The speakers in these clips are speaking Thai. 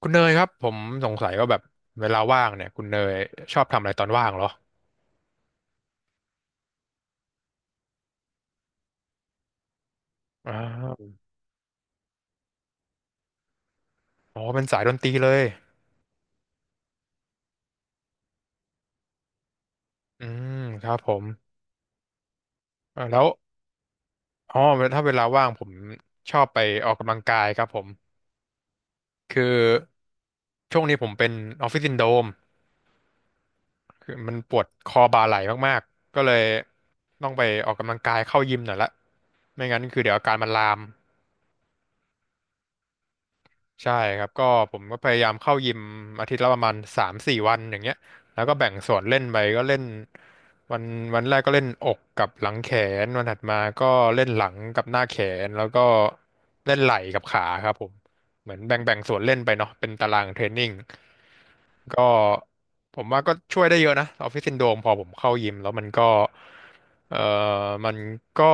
คุณเนยครับผมสงสัยว่าแบบเวลาว่างเนี่ยคุณเนยชอบทำอะไรตอนว่างเหรออ่าอ๋อเป็นสายดนตรีเลยอืมครับผมอ่าแล้วอ๋อถ้าเวลาว่างผมชอบไปออกกำลังกายครับผมคือช่วงนี้ผมเป็นออฟฟิศซินโดรมคือมันปวดคอบ่าไหล่มากๆก็เลยต้องไปออกกำลังกายเข้ายิมหน่อยละไม่งั้นคือเดี๋ยวอาการมันลาม ใช่ครับก็ผมก็พยายามเข้ายิมอาทิตย์ละประมาณสามสี่วันอย่างเงี้ยแล้วก็แบ่งส่วนเล่นไปก็เล่นวันวันแรกก็เล่นอกกับหลังแขนวันถัดมาก็เล่นหลังกับหน้าแขนแล้วก็เล่นไหล่กับขาครับผมเหมือนแบ่งส่วนเล่นไปเนาะเป็นตารางเทรนนิ่งก็ผมว่าก็ช่วยได้เยอะนะออฟฟิศซินโดรมพอผมเข้ายิมแล้วมันก็เอ่อมันก็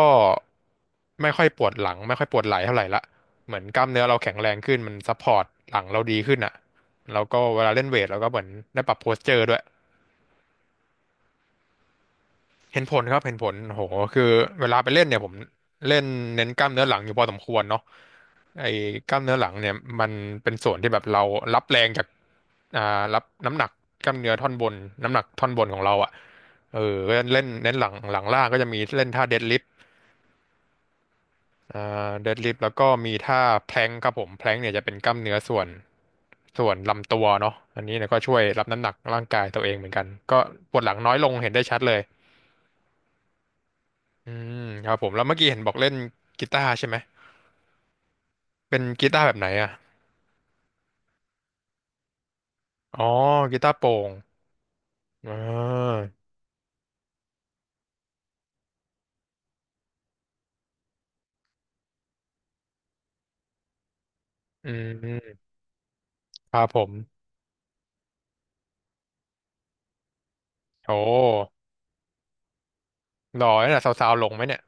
ไม่ค่อยปวดหลังไม่ค่อยปวดไหล่เท่าไหร่ละ เหมือนกล้ามเนื้อเราแข็งแรงขึ้นมันซัพพอร์ตหลังเราดีขึ้นอ่ะแล้วก็เวลาเล่นเวทเราก็เหมือนได้ปรับโพสเจอร์ด้วยเห็นผลครับเห็นผลโหคือเวลาไปเล่นเนี่ยผมเล่นเน้นกล้ามเนื้อหลังอยู่พอสมควรเนาะไอ้กล้ามเนื้อหลังเนี่ยมันเป็นส่วนที่แบบเรารับแรงจากอ่ารับน้ำหนักกล้ามเนื้อท่อนบนน้ำหนักท่อนบนของเราอ่ะเออก็เล่นเน้นหลังหลังล่างก็จะมีเล่นท่าเดดลิฟ อ่แล้วก็มีท่าแพลงครับผมแพลงเนี่ยจะเป็นกล้ามเนื้อส่วนลำตัวเนาะอันนี้เนี่ยก็ช่วยรับน้ำหนักร่างกายตัวเองเหมือนกันก็ปวดหลังน้อยลงเห็นได้ชัดเลยอืมครับผมแล้วเมื่อกี้เห็นบอกเล่นกีตาร์ใช่ไหมเป็นกีตาร์แบบไหนอ่ะอ๋อกีตาร์โปร่งอ่าอืมครับผมโอ้หล่อเนี่ยสาวๆหลงไหมเนี่ย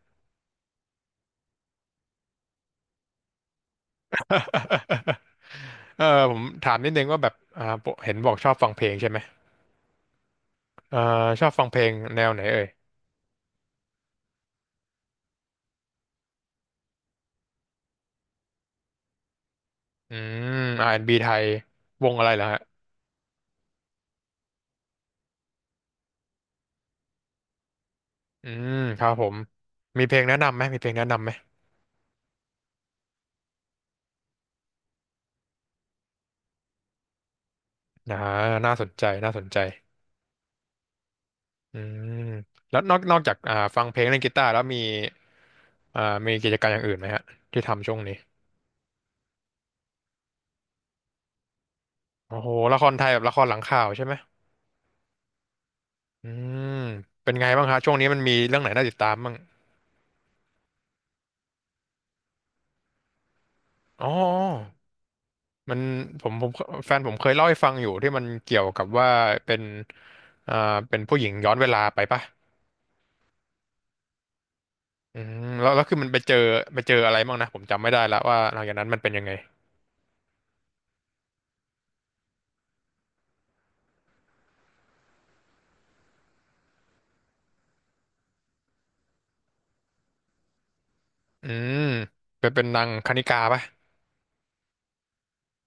เออผมถามนิดนึงว่าแบบปกเห็นบอกชอบฟังเพลงใช่ไหมเอ่าชอบฟังเพลงแนวไหนเอ่ย อืม r ีไทยวงอะไรเหรอฮะอืมครับผม มีเพลงแนะนำไหมมีเพลงแนะนำไหมอ่าน่าสนใจน่าสนใจอืมแล้วนอกจากฟังเพลงเล่นกีตาร์แล้วมีอ่ากิจการมอย่างอื่นไหมฮะที่ทำช่วงนี้โอ้โหละครไทยแบบละครหลังข่าวใช่ไหมอืมเป็นไงบ้างฮะช่วงนี้มันมีเรื่องไหนน่าติดตามบ้างอ๋อมันผมผมแฟนผมเคยเล่าให้ฟังอยู่ที่มันเกี่ยวกับว่าเป็นอ่าผู้หญิงย้อนเวลาไปปะ อืแล้วคือมันไปเจออะไรบ้างนะผมจำไม่ได้ละว่าหลังจากนั้นมันเป็นยังไง อืมไปเป็นนางคณิกาป่ะ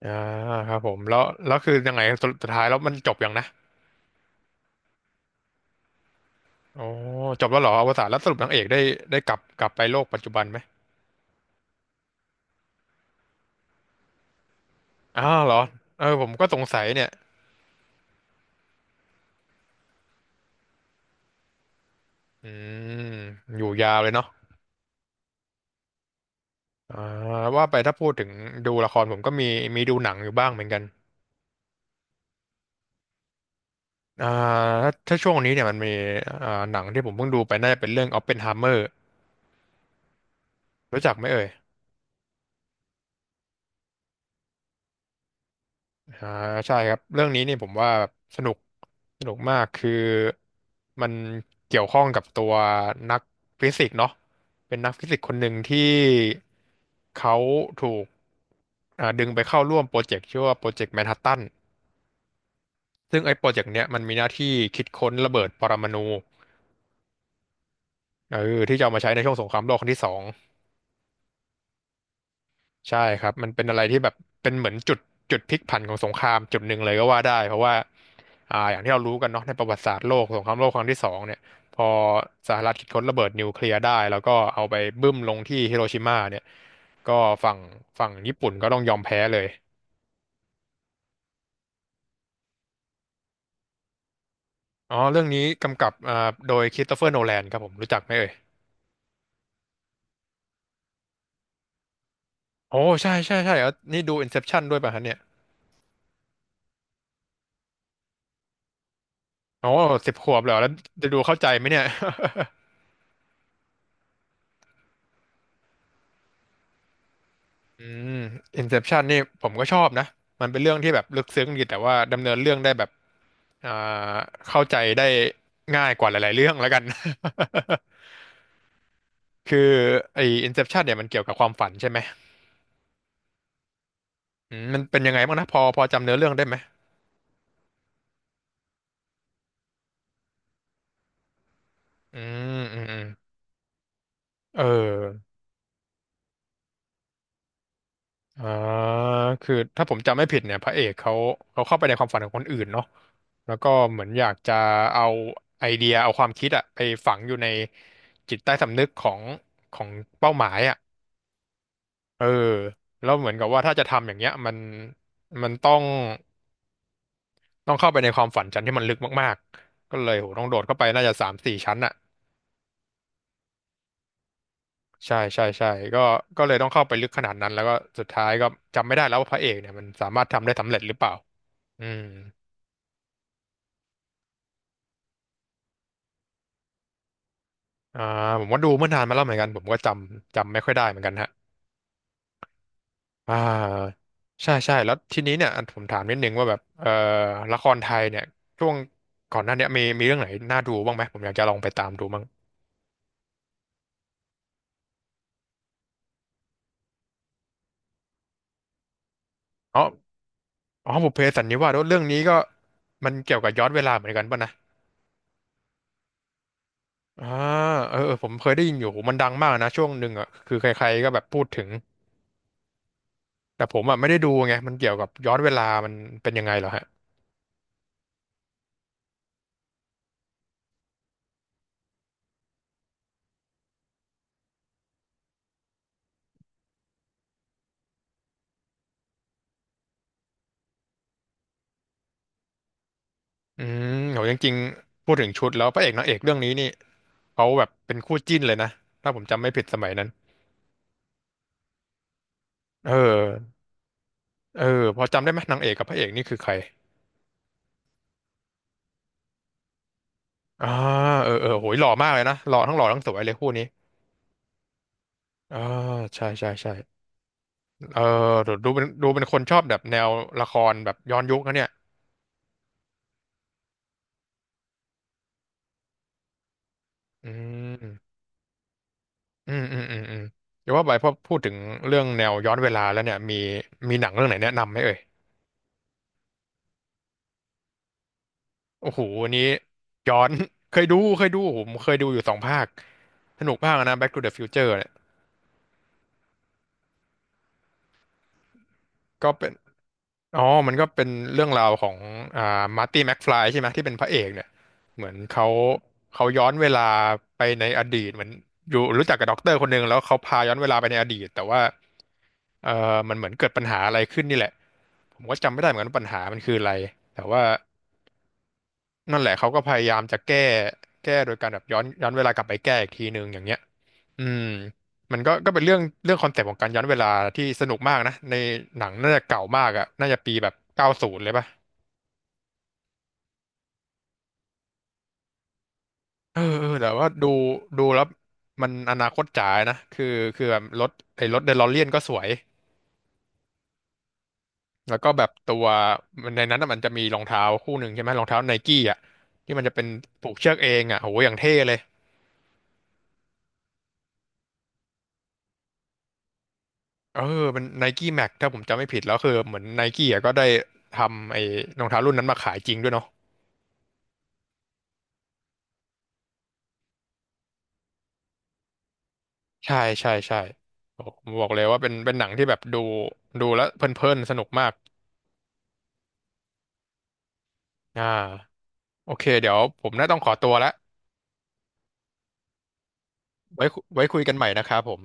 อ่าครับผมแล้วคือยังไงสุดท้ายแล้วมันจบยังนะโอ้จบแล้วเหรออวสานแล้วสรุปนางเอกได้กลับไปโลกปัจจุบันไหมอ้าวเหรอเออผมก็สงสัยเนี่ยอืมอยู่ยาวเลยเนาะอ่าว่าไปถ้าพูดถึงดูละครผมก็มีดูหนังอยู่บ้างเหมือนกันอ่าถ้าช่วงนี้เนี่ยมันมีหนังที่ผมเพิ่งดูไปน่าจะเป็นเรื่อง Oppenheimer รู้จักไหมเอ่ย อ่าใช่ครับเรื่องนี้นี่ผมว่าแบบสนุกมากคือมันเกี่ยวข้องกับตัวนักฟิสิกส์เนาะเป็นนักฟิสิกส์คนหนึ่งที่เขาถูกดึงไปเข้าร่วมโปรเจกต์ชื่อว่าโปรเจกต์แมนฮัตตันซึ่งไอ้โปรเจกต์เนี้ยมันมีหน้าที่คิดค้นระเบิดปรมาณูเออที่จะเอามาใช้ในช่วงสงครามโลกครั้งที่สอง ใช่ครับมันเป็นอะไรที่แบบเป็นเหมือนจุดพลิกผันของสงครามจุดหนึ่งเลยก็ว่าได้เพราะว่าอย่างที่เรารู้กันเนาะในประวัติศาสตร์โลกสงครามโลกครั้งที่สองเนี่ยพอสหรัฐคิดค้นระเบิดนิวเคลียร์ได้แล้วก็เอาไปบึ้มลงที่ฮิโรชิมาเนี่ยก็ฝั่งญี่ปุ่นก็ต้องยอมแพ้เลยอ๋อเรื่องนี้กำกับโดยคริสโตเฟอร์โนแลนครับผมรู้จักไหมเอ่ยโอ้ใช่ใช่ใช่แล้วนี่ดู Inception ด้วยป่ะฮะเนี่ยโอ้สิบขวบเลยเหรอแล้วจะดูเข้าใจไหมเนี่ย อืม Inception นี่ผมก็ชอบนะมันเป็นเรื่องที่แบบลึกซึ้งดีแต่ว่าดำเนินเรื่องได้แบบอ่าเข้าใจได้ง่ายกว่าหลายๆเรื่องแล้วกัน คือไอ้ Inception เนี่ยมันเกี่ยวกับความฝันใช่ไหมอืมมันเป็นยังไงบ้างนะพอจำเนื้อเรื่องได้ไหมอืมอืมอืมเอออ่าคือถ้าผมจำไม่ผิดเนี่ยพระเอกเขาเข้าไปในความฝันของคนอื่นเนาะแล้วก็เหมือนอยากจะเอาไอเดียเอาความคิดอะไปฝังอยู่ในจิตใต้สำนึกของเป้าหมายอะ เออแล้วเหมือนกับว่าถ้าจะทำอย่างเงี้ยมันต้องเข้าไปในความฝันชั้นที่มันลึกมากๆก็เลยโหต้องโดดเข้าไปน่าจะ3-4 ชั้นอ่ะใช่ใช่ใช่ก็ก็เลยต้องเข้าไปลึกขนาดนั้นแล้วก็สุดท้ายก็จำไม่ได้แล้วว่าพระเอกเนี่ยมันสามารถทำได้สำเร็จหรือเปล่าอืมอ่าผมว่าดูเมื่อนานมาแล้วเหมือนกันผมก็จำไม่ค่อยได้เหมือนกันฮะอ่าใช่ใช่แล้วทีนี้เนี่ยอันผมถามนิดนึงว่าแบบละครไทยเนี่ยช่วงก่อนหน้าเนี้ยมีเรื่องไหนน่าดูบ้างไหมผมอยากจะลองไปตามดูบ้างอ๋อ อ๋อบุพเพสันนิวาสเรื่องนี้ก็มันเกี่ยวกับย้อนเวลาเหมือนกันป่ะนะอ่าเออเออผมเคยได้ยินอยู่มันดังมากนะช่วงหนึ่งอ่ะคือใครๆก็แบบพูดถึงแต่ผมอ่ะไม่ได้ดูไงมันเกี่ยวกับย้อนเวลามันเป็นยังไงเหรอฮะอืมโหจริงๆพูดถึงชุดแล้วพระเอกนางเอกเรื่องนี้นี่เขาแบบเป็นคู่จิ้นเลยนะถ้าผมจำไม่ผิดสมัยนั้นเออเออพอจำได้ไหมนางเอกกับพระเอกนี่คือใครอ่าเออเออโหยหล่อมากเลยนะหล่อทั้งหล่อทั้งสวยเลยคู่นี้อ่าใช่ใช่ใช่ เออดูเป็นคนชอบแบบแนวละครแบบย้อนยุคนะเนี่ยอืมอืมเดี๋ยวว่าไปพอพูดถึงเรื่องแนวย้อนเวลาแล้วเนี่ยมีหนังเรื่องไหนแนะนำไหมเอ่ยโอ้โหอันนี้ย้อน เคยดูเคยดูผมเคยดูอยู่2 ภาคสนุกมากนะ Back to the Future เนี่ยก็เป็น อ๋อมันก็เป็นเรื่องราวของอ่ามาร์ตี้แม็กฟลายใช่ไหมที่เป็นพระเอกเนี่ยเหมือนเขาย้อนเวลาไปในอดีตเหมือนอยู่รู้จักกับด็อกเตอร์คนหนึ่งแล้วเขาพาย้อนเวลาไปในอดีตแต่ว่าเออมันเหมือนเกิดปัญหาอะไรขึ้นนี่แหละผมก็จำไม่ได้เหมือนกันว่าปัญหามันคืออะไรแต่ว่านั่นแหละเขาก็พยายามจะแก้โดยการแบบย้อนเวลากลับไปแก้อีกทีหนึ่งอย่างเงี้ยอืมมันก็เป็นเรื่องคอนเซปต์ของการย้อนเวลาที่สนุกมากนะในหนังน่าจะเก่ามากอะน่าจะปีแบบ90เลยป่ะ เออเออแต่ว่าดูแล้วมันอนาคตจ๋านะคือแบบรถไอ้รถเดล o เ e ียนก็สวยแล้วก็แบบตัวในนั้นน่ะมันจะมีรองเท้าคู่หนึ่งใช่ไหมรองเท้าไนกี้อ่ะที่มันจะเป็นผูกเชือกเองอ่ะโหอย่างเท่เลยเออเป็นไนกี้แม็กถ้าผมจำไม่ผิดแล้วคือเหมือนไนกี้อ่ะก็ได้ทำไอ้รองเท้ารุ่นนั้นมาขายจริงด้วยเนาะใช่ใช่ใช่โอ้ผมบอกเลยว่าเป็นหนังที่แบบดูแล้วเพลินๆสนุกมากอ่าโอเคเดี๋ยวผมน่าต้องขอตัวละไว้คุยกันใหม่นะครับผม